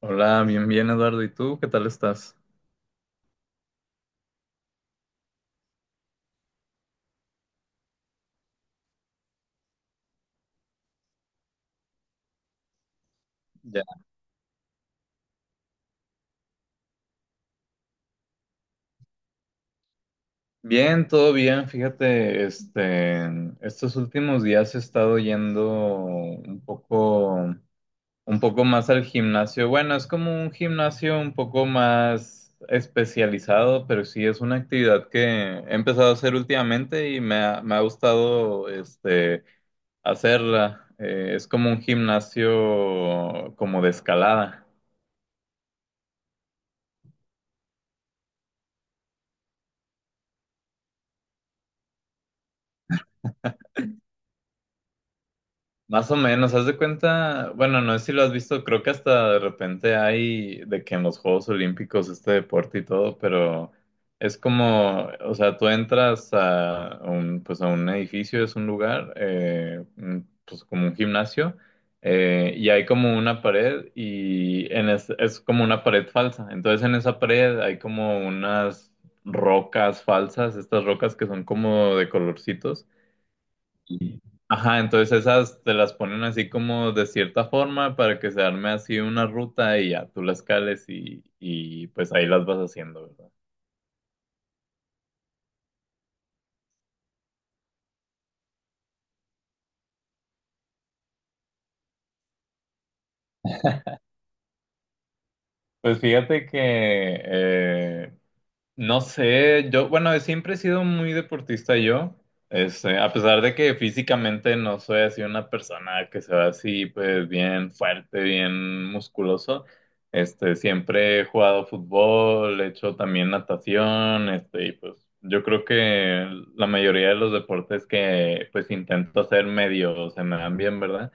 Hola, bien, bien, Eduardo. ¿Y tú? ¿Qué tal estás? Ya. Bien, todo bien. Fíjate, estos últimos días he estado yendo un poco, un poco más al gimnasio. Bueno, es como un gimnasio un poco más especializado, pero sí es una actividad que he empezado a hacer últimamente y me ha gustado, hacerla. Es como un gimnasio como de escalada. Más o menos, haz de cuenta, bueno, no sé si lo has visto, creo que hasta de repente hay de que en los Juegos Olímpicos este deporte y todo, pero es como, o sea, tú entras a un, pues a un edificio, es un lugar, pues como un gimnasio, y hay como una pared y es como una pared falsa, entonces en esa pared hay como unas rocas falsas, estas rocas que son como de colorcitos. Y- Ajá, entonces esas te las ponen así como de cierta forma para que se arme así una ruta y ya tú las cales y pues ahí las vas haciendo, ¿verdad? Pues fíjate que no sé, yo, bueno, siempre he sido muy deportista yo, a pesar de que físicamente no soy así una persona que se ve así, pues bien fuerte, bien musculoso, siempre he jugado fútbol, he hecho también natación, y pues yo creo que la mayoría de los deportes que pues intento hacer medio se me dan bien, ¿verdad?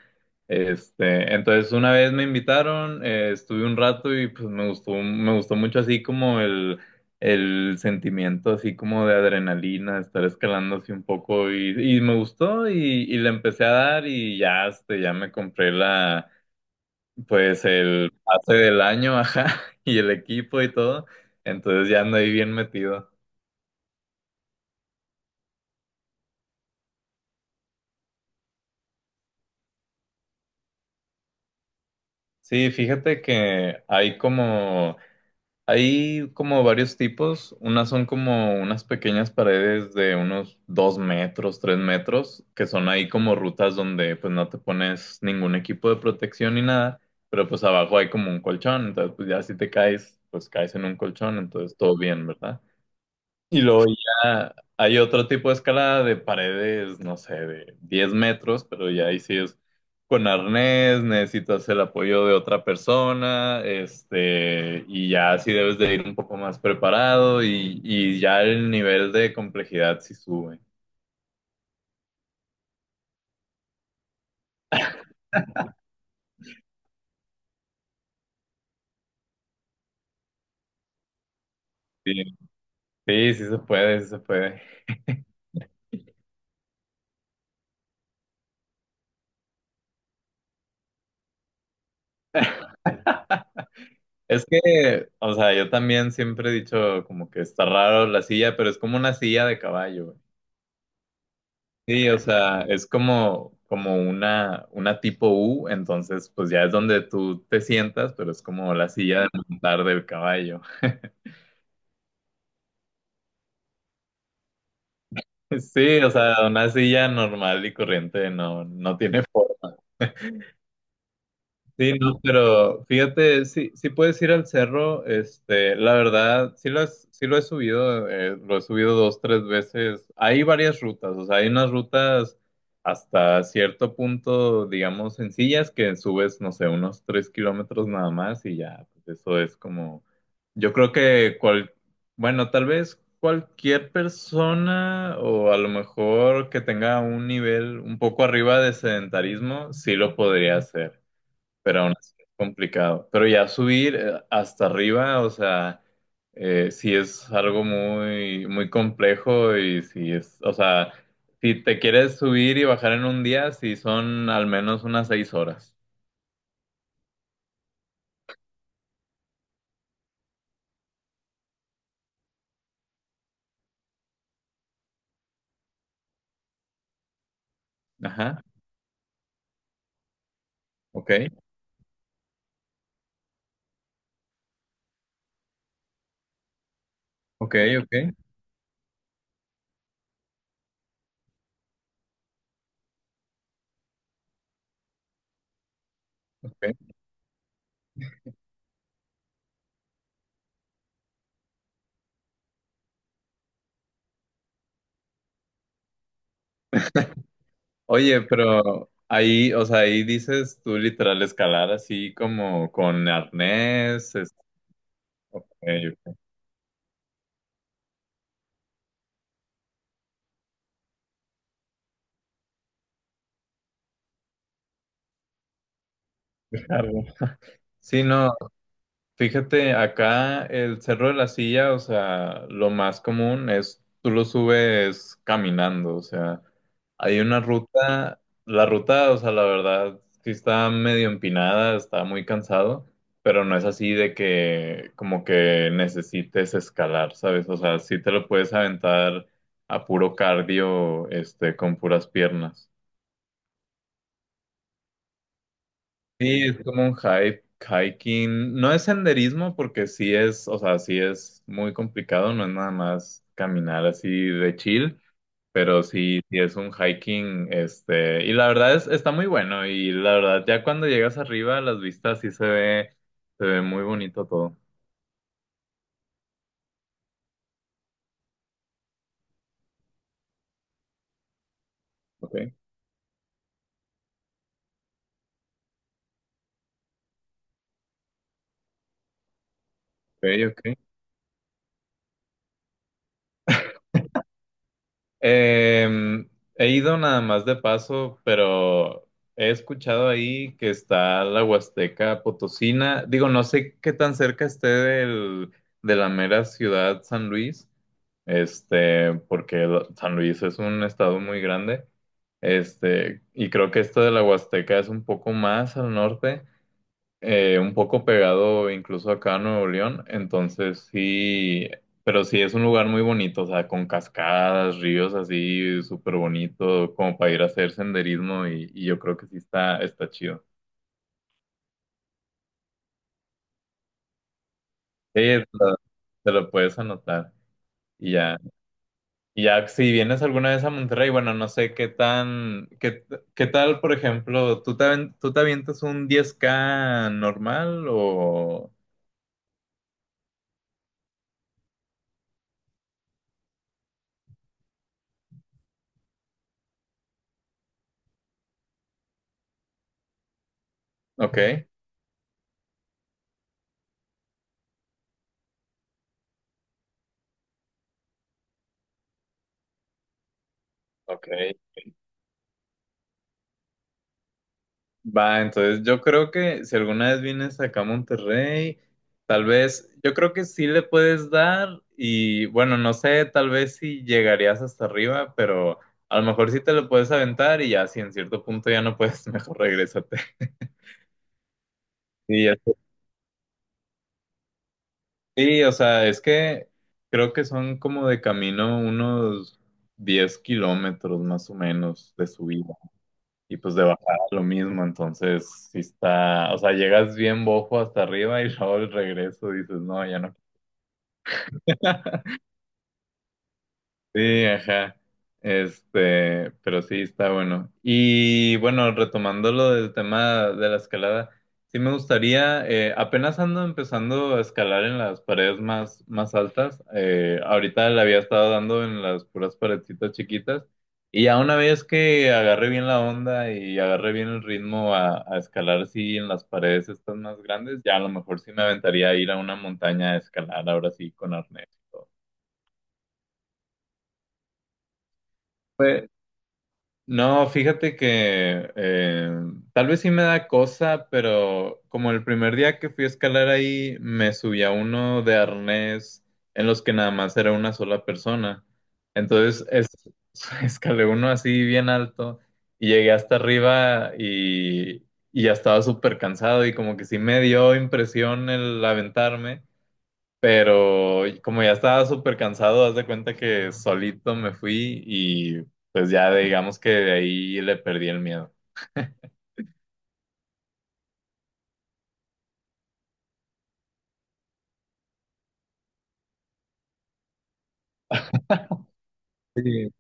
Entonces una vez me invitaron, estuve un rato y pues me gustó mucho así como el sentimiento así como de adrenalina, de estar escalando así un poco y me gustó y le empecé a dar y ya, ya me compré pues el pase del año, ajá, y el equipo y todo, entonces ya ando ahí bien metido. Sí, fíjate que hay como varios tipos. Unas son como unas pequeñas paredes de unos 2 metros, 3 metros, que son ahí como rutas donde pues no te pones ningún equipo de protección ni nada, pero pues abajo hay como un colchón, entonces pues ya si te caes, pues caes en un colchón, entonces todo bien, ¿verdad? Y luego ya hay otro tipo de escalada de paredes, no sé, de 10 metros, pero ya ahí sí es con arnés, necesitas el apoyo de otra persona, y ya sí debes de ir un poco más preparado y ya el nivel de complejidad sí sube. Sí, sí, sí se puede, sí se puede. Es que, o sea, yo también siempre he dicho como que está raro la silla, pero es como una silla de caballo. Sí, o sea, es como una tipo U, entonces pues ya es donde tú te sientas, pero es como la silla de montar del caballo. Sí, o sea, una silla normal y corriente no, no tiene. Sí, no, pero fíjate, sí, sí puedes ir al cerro, la verdad, sí lo he subido 2, 3 veces. Hay varias rutas, o sea, hay unas rutas hasta cierto punto, digamos, sencillas que subes, no sé, unos 3 kilómetros nada más y ya, pues eso es como, yo creo que bueno, tal vez cualquier persona o a lo mejor que tenga un nivel un poco arriba de sedentarismo, sí lo podría hacer, pero aún así es complicado. Pero ya subir hasta arriba, o sea, sí es algo muy, muy complejo y sí es, o sea, si te quieres subir y bajar en un día, sí son al menos unas 6 horas. Ajá, ok, ok, ok, ok. Oye, pero ahí, o sea, ahí dices tú literal escalar así como con arnés, yo qué sé. Sí, no. Fíjate, acá el Cerro de la Silla, o sea, lo más común es tú lo subes caminando, o sea, hay una ruta, la ruta, o sea, la verdad, sí está medio empinada, está muy cansado, pero no es así de que como que necesites escalar, ¿sabes? O sea, sí te lo puedes aventar a puro cardio, con puras piernas. Sí, es como un hiking, no es senderismo porque sí es, o sea, sí es muy complicado, no es nada más caminar así de chill, pero sí, sí es un hiking, y la verdad es, está muy bueno, y la verdad, ya cuando llegas arriba, las vistas sí se ve muy bonito todo. Ok, ok, ok. Em, He ido nada más de paso, pero he escuchado ahí que está la Huasteca Potosina. Digo, no sé qué tan cerca esté de la mera ciudad San Luis, porque San Luis es un estado muy grande, y creo que esto de la Huasteca es un poco más al norte, un poco pegado incluso acá a Nuevo León, entonces sí, pero sí es un lugar muy bonito, o sea, con cascadas, ríos así, súper bonito, como para ir a hacer senderismo y yo creo que sí está chido. Sí, te lo puedes anotar y ya. Y ya si vienes alguna vez a Monterrey, bueno, no sé qué tal, por ejemplo, ¿Tú te avientas un 10K normal o...? Ok, ok. Va, entonces yo creo que si alguna vez vienes acá a Monterrey, tal vez, yo creo que sí le puedes dar y bueno, no sé, tal vez si llegarías hasta arriba, pero a lo mejor sí te lo puedes aventar, y ya si en cierto punto ya no puedes, mejor regrésate. Y ya está. Sí, o sea, es que creo que son como de camino unos 10 kilómetros más o menos de subida. Y pues de bajada lo mismo, entonces si está, o sea, llegas bien bojo hasta arriba y luego el regreso dices, no, ya no. Sí, ajá. Pero sí, está bueno. Y bueno, retomando lo del tema de la escalada, sí me gustaría, apenas ando empezando a escalar en las paredes más, más altas. Ahorita le había estado dando en las puras paredcitas chiquitas. Y ya una vez que agarre bien la onda y agarre bien el ritmo a escalar, sí, en las paredes estas más grandes, ya a lo mejor sí me aventaría a ir a una montaña a escalar, ahora sí, con arnés y todo. No, fíjate que tal vez sí me da cosa, pero como el primer día que fui a escalar ahí, me subí a uno de arnés en los que nada más era una sola persona. Entonces escalé uno así bien alto y llegué hasta arriba y ya estaba súper cansado y como que sí me dio impresión el aventarme. Pero como ya estaba súper cansado, haz de cuenta que solito me fui y pues ya digamos que de ahí le perdí el miedo. Sí.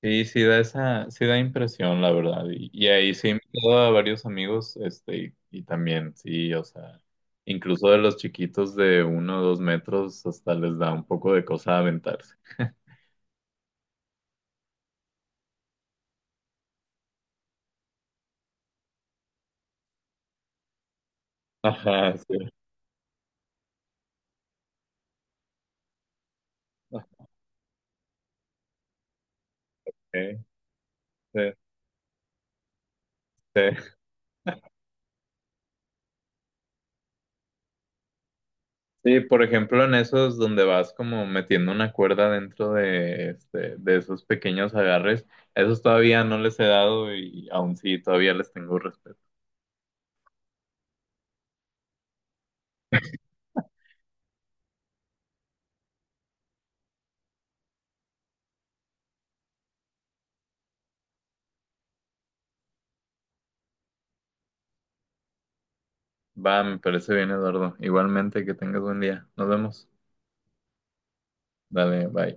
Sí, sí da impresión, la verdad. Y ahí sí he invitado a varios amigos, y también, sí, o sea, incluso de los chiquitos de 1 o 2 metros, hasta les da un poco de cosa aventarse. Ajá, sí. Ok, sí, sí. Sí, por ejemplo, en esos donde vas como metiendo una cuerda dentro de esos pequeños agarres, esos todavía no les he dado y aún sí, todavía les tengo respeto. Va, me parece bien, Eduardo. Igualmente, que tengas buen día. Nos vemos. Dale, bye.